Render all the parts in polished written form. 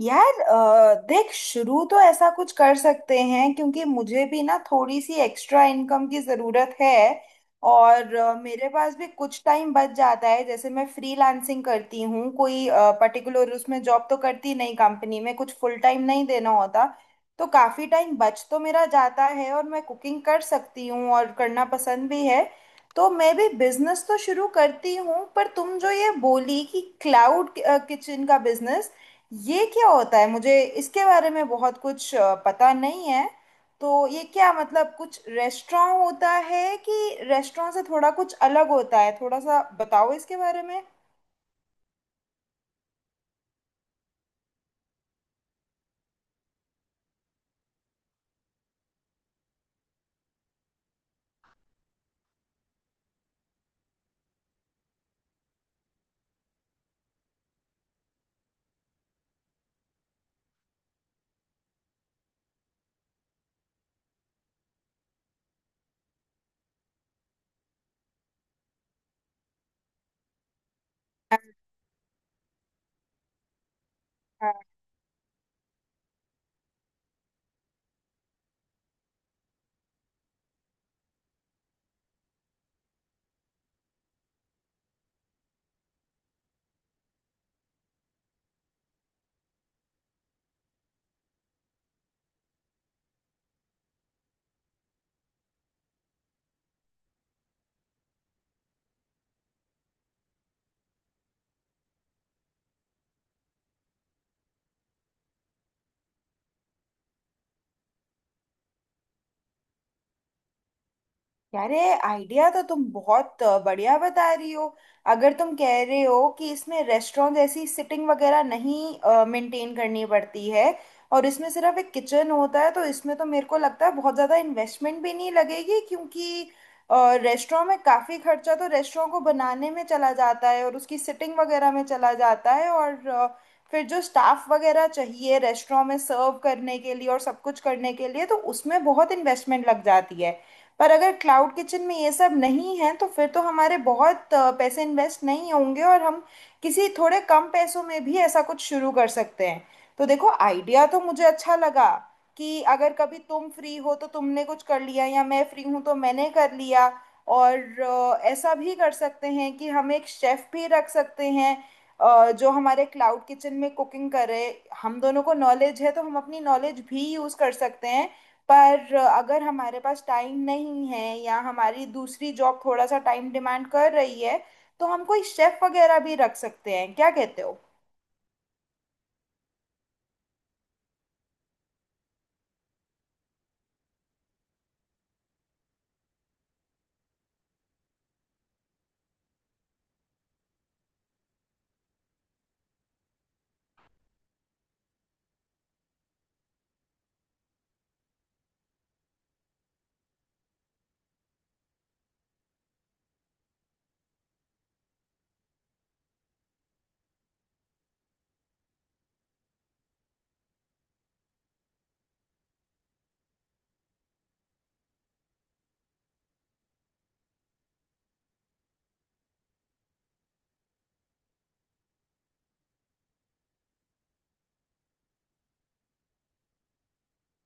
यार देख शुरू तो ऐसा कुछ कर सकते हैं क्योंकि मुझे भी ना थोड़ी सी एक्स्ट्रा इनकम की ज़रूरत है। और मेरे पास भी कुछ टाइम बच जाता है। जैसे मैं फ्रीलांसिंग करती हूँ, कोई पर्टिकुलर उसमें जॉब तो करती नहीं, कंपनी में कुछ फुल टाइम नहीं देना होता। तो काफ़ी टाइम बच तो मेरा जाता है और मैं कुकिंग कर सकती हूँ और करना पसंद भी है। तो मैं भी बिजनेस तो शुरू करती हूँ, पर तुम जो ये बोली कि क्लाउड किचन का बिजनेस, ये क्या होता है? मुझे इसके बारे में बहुत कुछ पता नहीं है। तो ये क्या, मतलब कुछ रेस्टोरेंट होता है कि रेस्टोरेंट से थोड़ा कुछ अलग होता है? थोड़ा सा बताओ इसके बारे में। यार, ये आइडिया तो तुम बहुत बढ़िया बता रही हो। अगर तुम कह रहे हो कि इसमें रेस्टोरेंट जैसी सिटिंग वगैरह नहीं मेंटेन करनी पड़ती है और इसमें सिर्फ एक किचन होता है, तो इसमें तो मेरे को लगता है बहुत ज़्यादा इन्वेस्टमेंट भी नहीं लगेगी, क्योंकि रेस्टोरेंट में काफ़ी खर्चा तो रेस्टोरेंट को बनाने में चला जाता है और उसकी सिटिंग वगैरह में चला जाता है। और फिर जो स्टाफ वगैरह चाहिए रेस्टोरेंट में सर्व करने के लिए और सब कुछ करने के लिए, तो उसमें बहुत इन्वेस्टमेंट लग जाती है। पर अगर क्लाउड किचन में ये सब नहीं है, तो फिर तो हमारे बहुत पैसे इन्वेस्ट नहीं होंगे और हम किसी थोड़े कम पैसों में भी ऐसा कुछ शुरू कर सकते हैं। तो देखो, आइडिया तो मुझे अच्छा लगा कि अगर कभी तुम फ्री हो तो तुमने कुछ कर लिया, या मैं फ्री हूँ तो मैंने कर लिया। और ऐसा भी कर सकते हैं कि हम एक शेफ भी रख सकते हैं, जो हमारे क्लाउड किचन में कुकिंग करे। हम दोनों को नॉलेज है तो हम अपनी नॉलेज भी यूज़ कर सकते हैं। पर अगर हमारे पास टाइम नहीं है या हमारी दूसरी जॉब थोड़ा सा टाइम डिमांड कर रही है, तो हम कोई शेफ वगैरह भी रख सकते हैं। क्या कहते हो?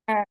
हाँ,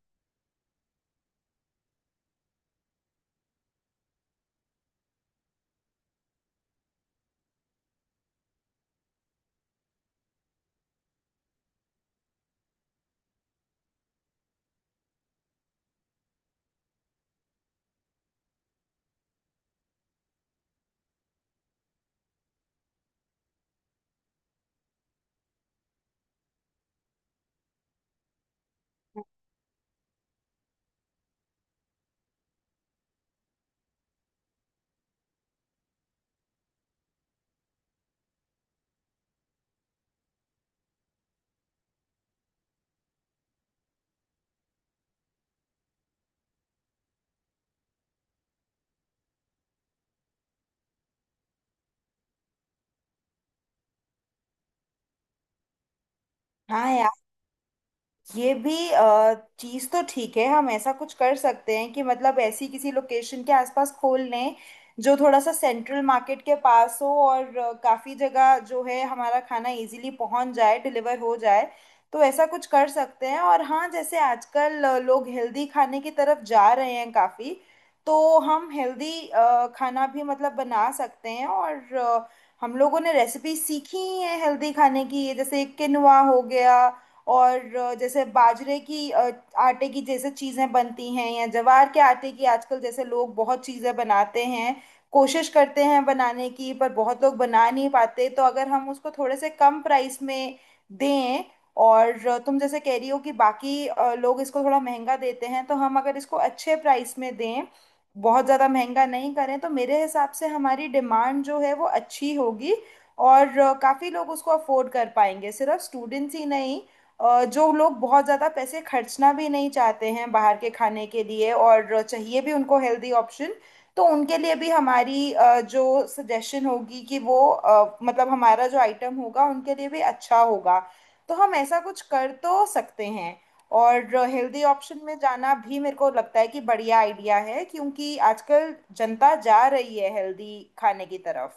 हाँ, ये भी चीज तो ठीक है। हम ऐसा कुछ कर सकते हैं कि मतलब ऐसी किसी लोकेशन के आसपास खोल लें जो थोड़ा सा सेंट्रल मार्केट के पास हो और काफी जगह जो है, हमारा खाना इजीली पहुंच जाए, डिलीवर हो जाए। तो ऐसा कुछ कर सकते हैं। और हाँ, जैसे आजकल लोग हेल्दी खाने की तरफ जा रहे हैं काफी, तो हम हेल्दी खाना भी मतलब बना सकते हैं। और हम लोगों ने रेसिपी सीखी ही है हेल्दी खाने की, जैसे किनुआ हो गया, और जैसे बाजरे की आटे की जैसे चीज़ें बनती हैं, या ज्वार के आटे की आजकल जैसे लोग बहुत चीज़ें बनाते हैं, कोशिश करते हैं बनाने की, पर बहुत लोग बना नहीं पाते। तो अगर हम उसको थोड़े से कम प्राइस में दें, और तुम जैसे कह रही हो कि बाकी लोग इसको थोड़ा महंगा देते हैं, तो हम अगर इसको अच्छे प्राइस में दें, बहुत ज़्यादा महंगा नहीं करें, तो मेरे हिसाब से हमारी डिमांड जो है वो अच्छी होगी। और काफ़ी लोग उसको अफोर्ड कर पाएंगे, सिर्फ स्टूडेंट्स ही नहीं। जो लोग बहुत ज़्यादा पैसे खर्चना भी नहीं चाहते हैं बाहर के खाने के लिए और चाहिए भी उनको हेल्दी ऑप्शन, तो उनके लिए भी हमारी जो सजेशन होगी कि वो मतलब हमारा जो आइटम होगा उनके लिए भी अच्छा होगा। तो हम ऐसा कुछ कर तो सकते हैं। और हेल्दी ऑप्शन में जाना भी मेरे को लगता है कि बढ़िया आइडिया है, क्योंकि आजकल जनता जा रही है हेल्दी खाने की तरफ।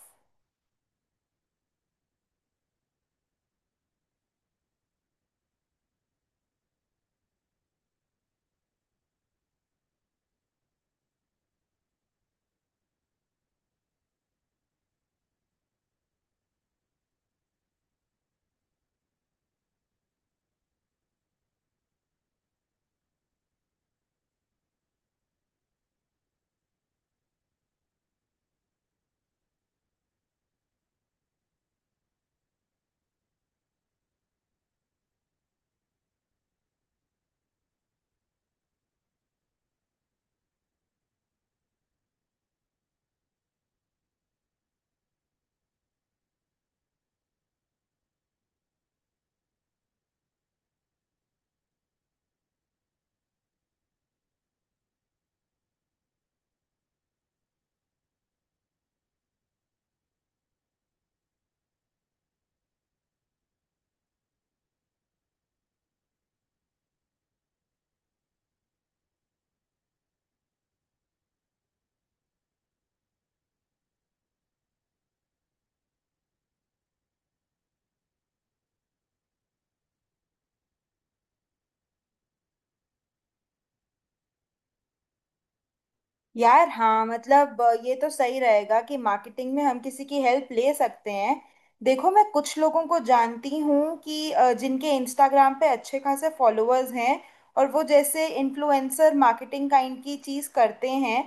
यार हाँ, मतलब ये तो सही रहेगा कि मार्केटिंग में हम किसी की हेल्प ले सकते हैं। देखो, मैं कुछ लोगों को जानती हूँ कि जिनके इंस्टाग्राम पे अच्छे खासे फॉलोअर्स हैं, और वो जैसे इन्फ्लुएंसर मार्केटिंग काइंड की चीज़ करते हैं।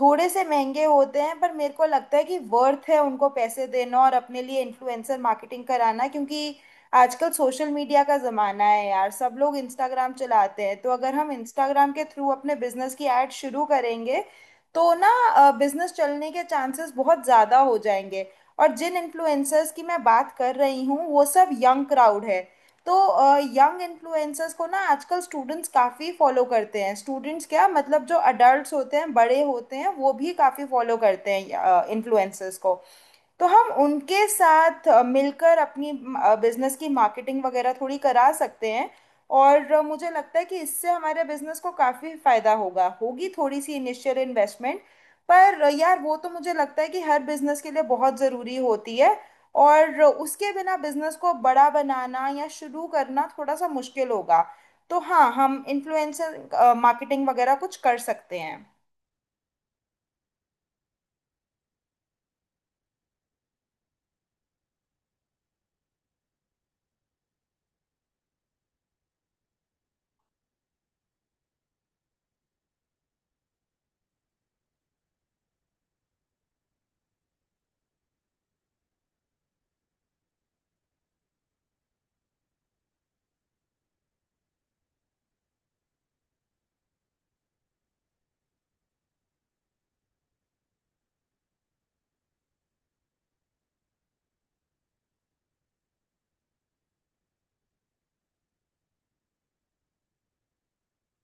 थोड़े से महंगे होते हैं, पर मेरे को लगता है कि वर्थ है उनको पैसे देना और अपने लिए इन्फ्लुएंसर मार्केटिंग कराना, क्योंकि आजकल सोशल मीडिया का ज़माना है यार, सब लोग इंस्टाग्राम चलाते हैं। तो अगर हम इंस्टाग्राम के थ्रू अपने बिजनेस की ऐड शुरू करेंगे, तो ना बिजनेस चलने के चांसेस बहुत ज़्यादा हो जाएंगे। और जिन इन्फ्लुएंसर्स की मैं बात कर रही हूँ वो सब यंग क्राउड है। तो यंग इन्फ्लुएंसर्स को ना आजकल स्टूडेंट्स काफ़ी फॉलो करते हैं, स्टूडेंट्स क्या मतलब, जो अडल्ट होते हैं, बड़े होते हैं, वो भी काफ़ी फॉलो करते हैं इन्फ्लुएंसर्स को। तो हम उनके साथ मिलकर अपनी बिजनेस की मार्केटिंग वगैरह थोड़ी करा सकते हैं। और मुझे लगता है कि इससे हमारे बिजनेस को काफ़ी फायदा होगा। होगी थोड़ी सी इनिशियल इन्वेस्टमेंट, पर यार, वो तो मुझे लगता है कि हर बिजनेस के लिए बहुत ज़रूरी होती है, और उसके बिना बिजनेस को बड़ा बनाना या शुरू करना थोड़ा सा मुश्किल होगा। तो हाँ, हम इन्फ्लुएंसर मार्केटिंग वगैरह कुछ कर सकते हैं।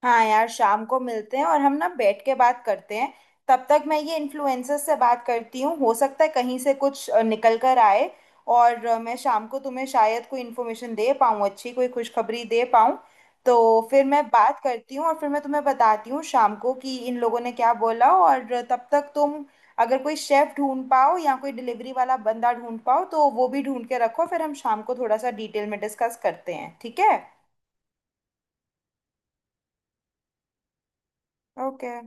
हाँ यार, शाम को मिलते हैं और हम ना बैठ के बात करते हैं। तब तक मैं ये इन्फ्लुएंसर से बात करती हूँ, हो सकता है कहीं से कुछ निकल कर आए। और मैं शाम को तुम्हें शायद कोई इन्फॉर्मेशन दे पाऊँ, अच्छी कोई खुशखबरी दे पाऊँ। तो फिर मैं बात करती हूँ और फिर मैं तुम्हें बताती हूँ शाम को कि इन लोगों ने क्या बोला। और तब तक तुम अगर कोई शेफ ढूंढ पाओ या कोई डिलीवरी वाला बंदा ढूंढ पाओ, तो वो भी ढूंढ के रखो। फिर हम शाम को थोड़ा सा डिटेल में डिस्कस करते हैं, ठीक है? ओके।